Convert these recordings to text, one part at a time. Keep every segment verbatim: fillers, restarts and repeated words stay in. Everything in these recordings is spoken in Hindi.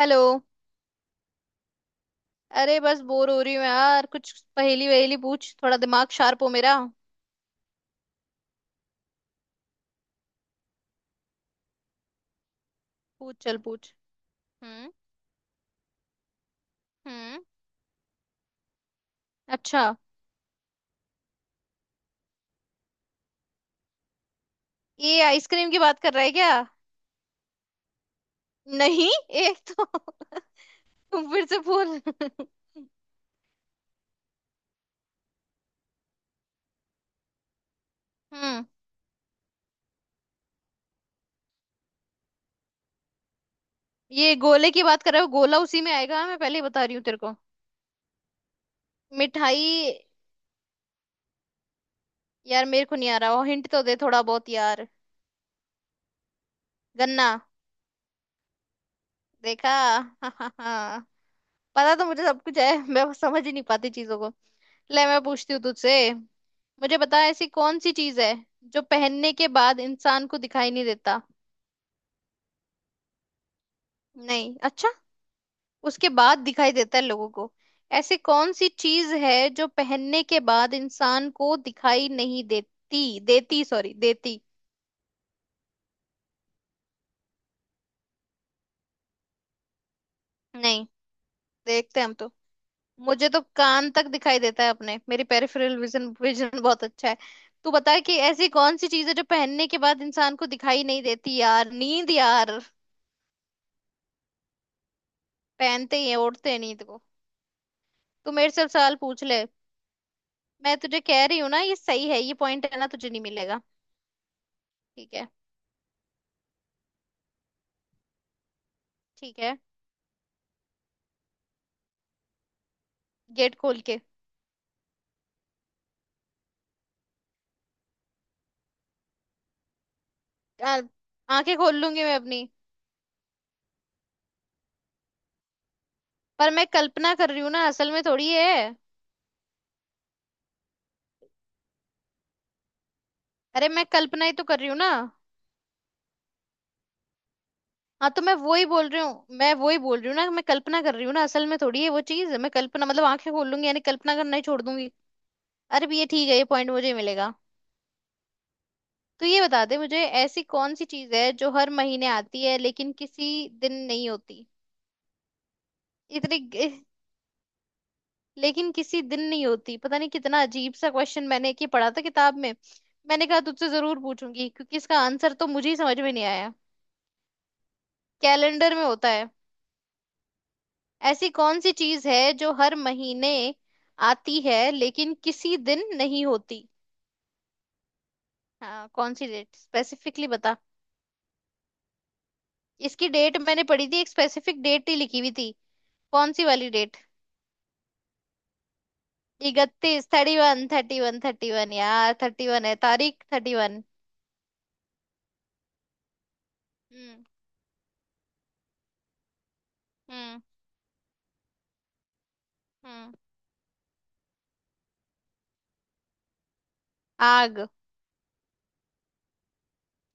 हेलो। अरे बस बोर हो रही हूँ यार, कुछ पहेली वहेली पूछ, थोड़ा दिमाग शार्प हो मेरा। पूछ, चल पूछ। हम्म। हम्म। अच्छा। ये आइसक्रीम की बात कर रहा है क्या? नहीं। एक तो तुम फिर से बोल। हम्म। ये गोले की बात कर रहे हो? गोला उसी में आएगा, मैं पहले ही बता रही हूँ तेरे को। मिठाई। यार मेरे को नहीं आ रहा, हिंट तो दे थोड़ा बहुत यार। गन्ना। देखा? पता तो मुझे सब कुछ है, मैं बस समझ ही नहीं पाती चीजों को। ले मैं पूछती हूँ तुझसे। मुझे बता, ऐसी कौन सी चीज है जो पहनने के बाद इंसान को दिखाई नहीं देता। नहीं। अच्छा। उसके बाद दिखाई देता है लोगों को। ऐसी कौन सी चीज है जो पहनने के बाद इंसान को दिखाई नहीं देती देती सॉरी देती। नहीं, देखते हैं हम तो। मुझे तो कान तक दिखाई देता है अपने, मेरी पेरिफेरल विजन विजन बहुत अच्छा है। तू बता कि ऐसी कौन सी चीज है जो पहनने के बाद इंसान को दिखाई नहीं देती। यार नींद यार। पहनते ही है, ओढ़ते हैं नींद को। तू मेरे से सवाल पूछ ले। मैं तुझे कह रही हूँ ना, ये सही है, ये पॉइंट है ना, तुझे नहीं मिलेगा। ठीक है। ठीक है, गेट खोल के। आ- आंखें खोल लूंगी मैं अपनी। पर मैं कल्पना कर रही हूँ ना, असल में थोड़ी है। अरे मैं कल्पना ही तो कर रही हूँ ना। हाँ तो मैं वो ही बोल रही हूँ, मैं वो ही बोल रही हूँ ना, मैं कल्पना कर रही हूँ ना, असल में थोड़ी है वो चीज, मैं कल्पना मतलब आंखें खोल लूंगी यानी कल्पना करना ही छोड़ दूंगी। अरे भी ये ठीक है, ये पॉइंट मुझे ही मिलेगा। तो ये बता दे मुझे, ऐसी कौन सी चीज है जो हर महीने आती है लेकिन किसी दिन नहीं होती। इतनी लेकिन किसी दिन नहीं होती, पता नहीं कितना अजीब सा क्वेश्चन मैंने कि पढ़ा था किताब में। मैंने कहा तुझसे जरूर पूछूंगी क्योंकि इसका आंसर तो मुझे ही समझ में नहीं आया। कैलेंडर में होता है। ऐसी कौन सी चीज है जो हर महीने आती है लेकिन किसी दिन नहीं होती। हाँ, कौन सी डेट स्पेसिफिकली बता। इसकी डेट मैंने पढ़ी थी, एक स्पेसिफिक डेट ही लिखी हुई थी। कौन सी वाली डेट? इकतीस, thirty one thirty one thirty one यार, थर्टी वन है तारीख, थर्टी वन। हम्म। हम्म। हम्म। आग।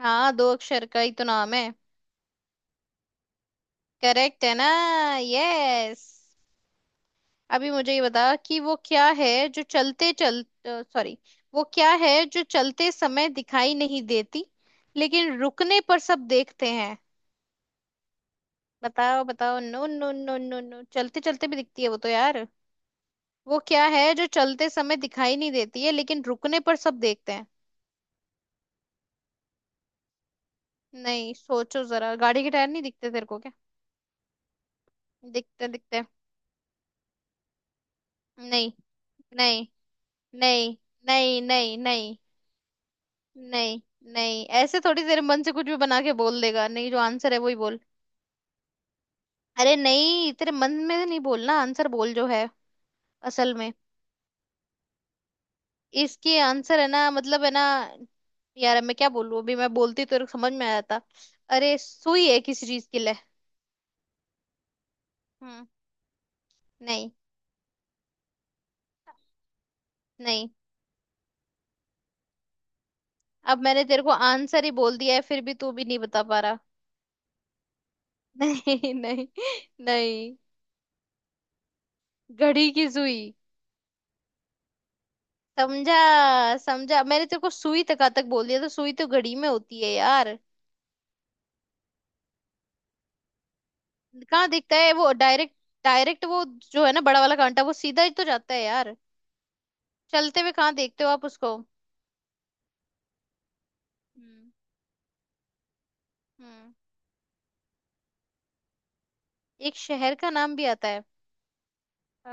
हाँ दो अक्षर का ही तो नाम है। करेक्ट है ना? यस। अभी मुझे ये बता कि वो क्या है जो चलते चल सॉरी वो क्या है जो चलते समय दिखाई नहीं देती लेकिन रुकने पर सब देखते हैं। बताओ बताओ, no no no no no, चलते चलते भी दिखती है वो तो यार। वो क्या है जो चलते समय दिखाई नहीं देती है लेकिन रुकने पर सब देखते हैं? नहीं, सोचो जरा। गाड़ी के टायर नहीं दिखते तेरे को क्या? दिखते दिखते। नहीं नहीं नहीं नहीं नहीं नहीं नहीं नहीं। नहीं, ऐसे थोड़ी तेरे मन से कुछ भी बना के बोल देगा, नहीं जो आंसर है वही बोल। अरे नहीं, तेरे मन में से नहीं बोलना, आंसर बोल जो है असल में। इसके आंसर है ना, मतलब है ना। यार मैं क्या बोलूं, अभी मैं बोलती तो समझ में आ जाता। अरे सुई है किसी चीज के लिए। हम्म। नहीं। नहीं। अब मैंने तेरे को आंसर ही बोल दिया है फिर भी तू भी नहीं बता पा रहा। नहीं नहीं। नहीं। घड़ी की सुई। समझा। समझा, मैंने तेरे को सुई तक तक बोल दिया, तो सुई तो घड़ी में होती है यार। कहाँ दिखता है वो डायरेक्ट? डायरेक्ट वो जो है ना, बड़ा वाला कांटा वो सीधा ही तो जाता है यार। चलते हुए कहाँ देखते हो आप उसको। हम्म। हम्म। एक शहर का नाम भी आता है।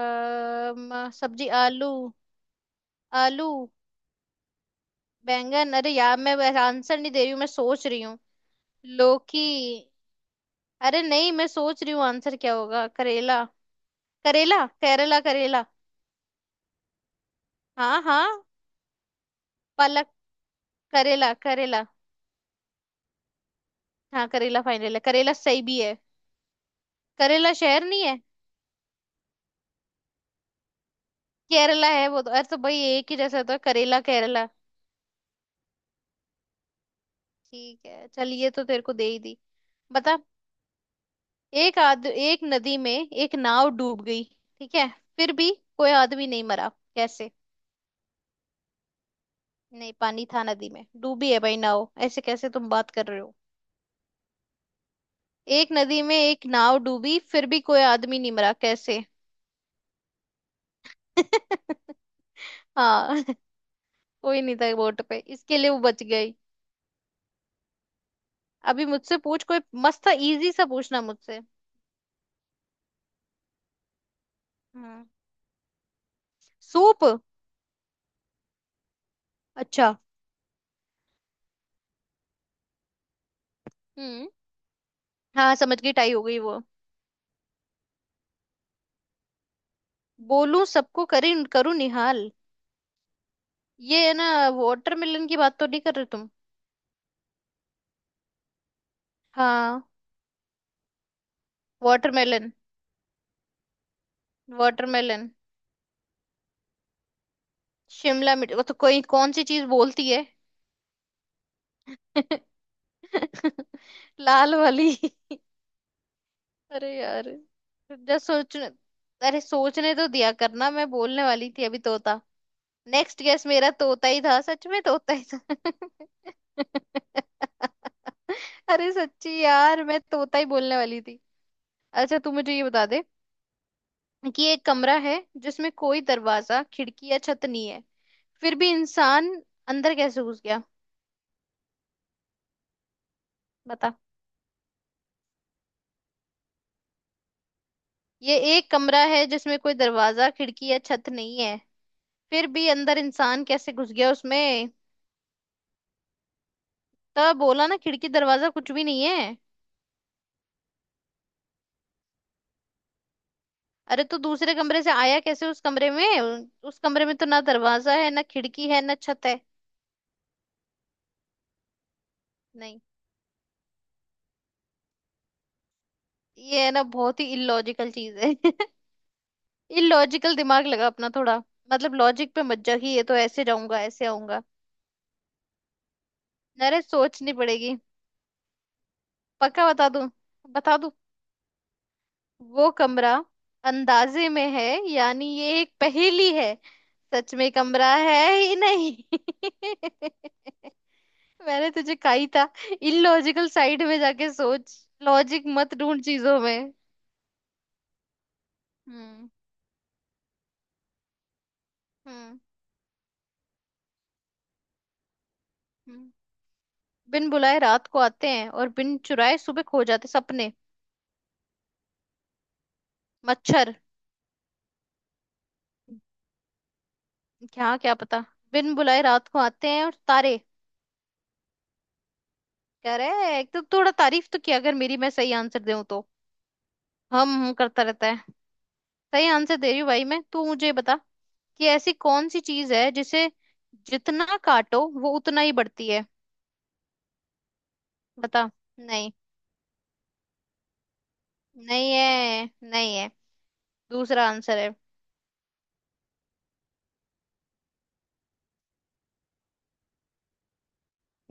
अम, सब्जी आलू। आलू, बैंगन, अरे यार मैं आंसर नहीं दे रही हूँ, मैं सोच रही हूँ। लौकी। अरे नहीं मैं सोच रही हूँ आंसर क्या होगा। करेला करेला करेला करेला। हाँ हाँ। पालक। करेला करेला। हाँ, करेला फाइनल है, करेला सही भी है। करेला शहर नहीं है। केरला है वो तो। अरे तो भाई एक ही जैसा होता है करेला केरला। ठीक है, चल ये तो तेरे को दे ही दी। बता। एक आद, एक नदी में एक नाव डूब गई, ठीक है, फिर भी कोई आदमी नहीं मरा, कैसे? नहीं, पानी था नदी में, डूबी है भाई नाव, ऐसे कैसे तुम बात कर रहे हो। एक नदी में एक नाव डूबी फिर भी कोई आदमी नहीं मरा, कैसे? हाँ कोई नहीं था बोट पे इसके लिए वो बच गई। अभी मुझसे पूछ कोई मस्त था, इजी सा पूछना मुझसे। हम्म। सूप। अच्छा। हम्म। हाँ समझ गई, टाई हो गई वो। बोलूं सबको करी करूं निहाल, ये है ना? वाटरमेलन की बात तो नहीं कर रहे तुम? हाँ। वाटरमेलन। वाटरमेलन। शिमला मिर्च वो तो, कोई कौन सी चीज बोलती है? लाल वाली। अरे यार, जब सोचने, अरे सोचने तो दिया करना, मैं बोलने वाली थी अभी तोता। नेक्स्ट गेस मेरा तोता ही था, सच में तोता ही था। अरे सच्ची यार, मैं तोता ही बोलने वाली थी। अच्छा तू मुझे ये बता दे कि एक कमरा है जिसमें कोई दरवाजा खिड़की या छत नहीं है, फिर भी इंसान अंदर कैसे घुस गया। बता। ये एक कमरा है जिसमें कोई दरवाजा खिड़की या छत नहीं है, फिर भी अंदर इंसान कैसे घुस गया उसमें। तब बोला ना, खिड़की दरवाजा कुछ भी नहीं है। अरे तो दूसरे कमरे से आया कैसे उस कमरे में, उ- उस कमरे में तो ना दरवाजा है ना खिड़की है ना छत है। नहीं। ये है ना, बहुत ही इलॉजिकल चीज है। इलॉजिकल दिमाग लगा अपना थोड़ा। मतलब लॉजिक पे मत जा कि ये तो ऐसे जाऊंगा ऐसे आऊंगा। अरे सोचनी पड़ेगी। पक्का बता दूं? बता दूं? वो कमरा अंदाजे में है, यानी ये एक पहेली है, सच में कमरा है ही नहीं। मैंने तुझे कहा ही था, इलॉजिकल साइड में जाके सोच, लॉजिक मत ढूंढ चीजों में। हम्म। हम्म। हम्म। बिन बुलाए रात को आते हैं और बिन चुराए सुबह खो जाते, सपने? मच्छर। क्या क्या पता। बिन बुलाए रात को आते हैं और, तारे। कह रहे हैं एक तो, थोड़ा तारीफ तो किया अगर मेरी, मैं सही आंसर दूं तो। हम हम करता रहता है। सही आंसर दे रही हूँ भाई मैं। तू मुझे बता कि ऐसी कौन सी चीज है जिसे जितना काटो वो उतना ही बढ़ती है। बता। नहीं, नहीं है नहीं है। दूसरा आंसर है।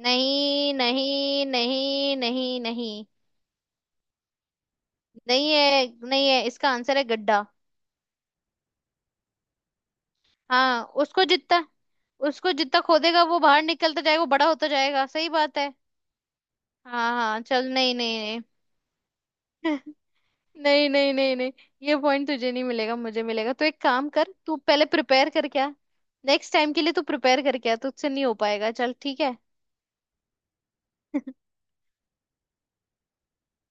नहीं नहीं नहीं नहीं नहीं, नहीं है नहीं है, इसका आंसर है गड्ढा। हाँ उसको जितना, उसको जितना खोदेगा वो बाहर निकलता जाएगा, वो बड़ा होता जाएगा, सही बात है। हाँ हाँ चल, नहीं नहीं नहीं। नहीं नहीं नहीं नहीं। ये पॉइंट तुझे नहीं मिलेगा, मुझे मिलेगा, तो एक काम कर, तू पहले प्रिपेयर कर क्या। नेक्स्ट टाइम के लिए तू प्रिपेयर कर, क्या तुझसे नहीं हो पाएगा, चल ठीक है।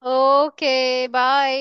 Okay bye.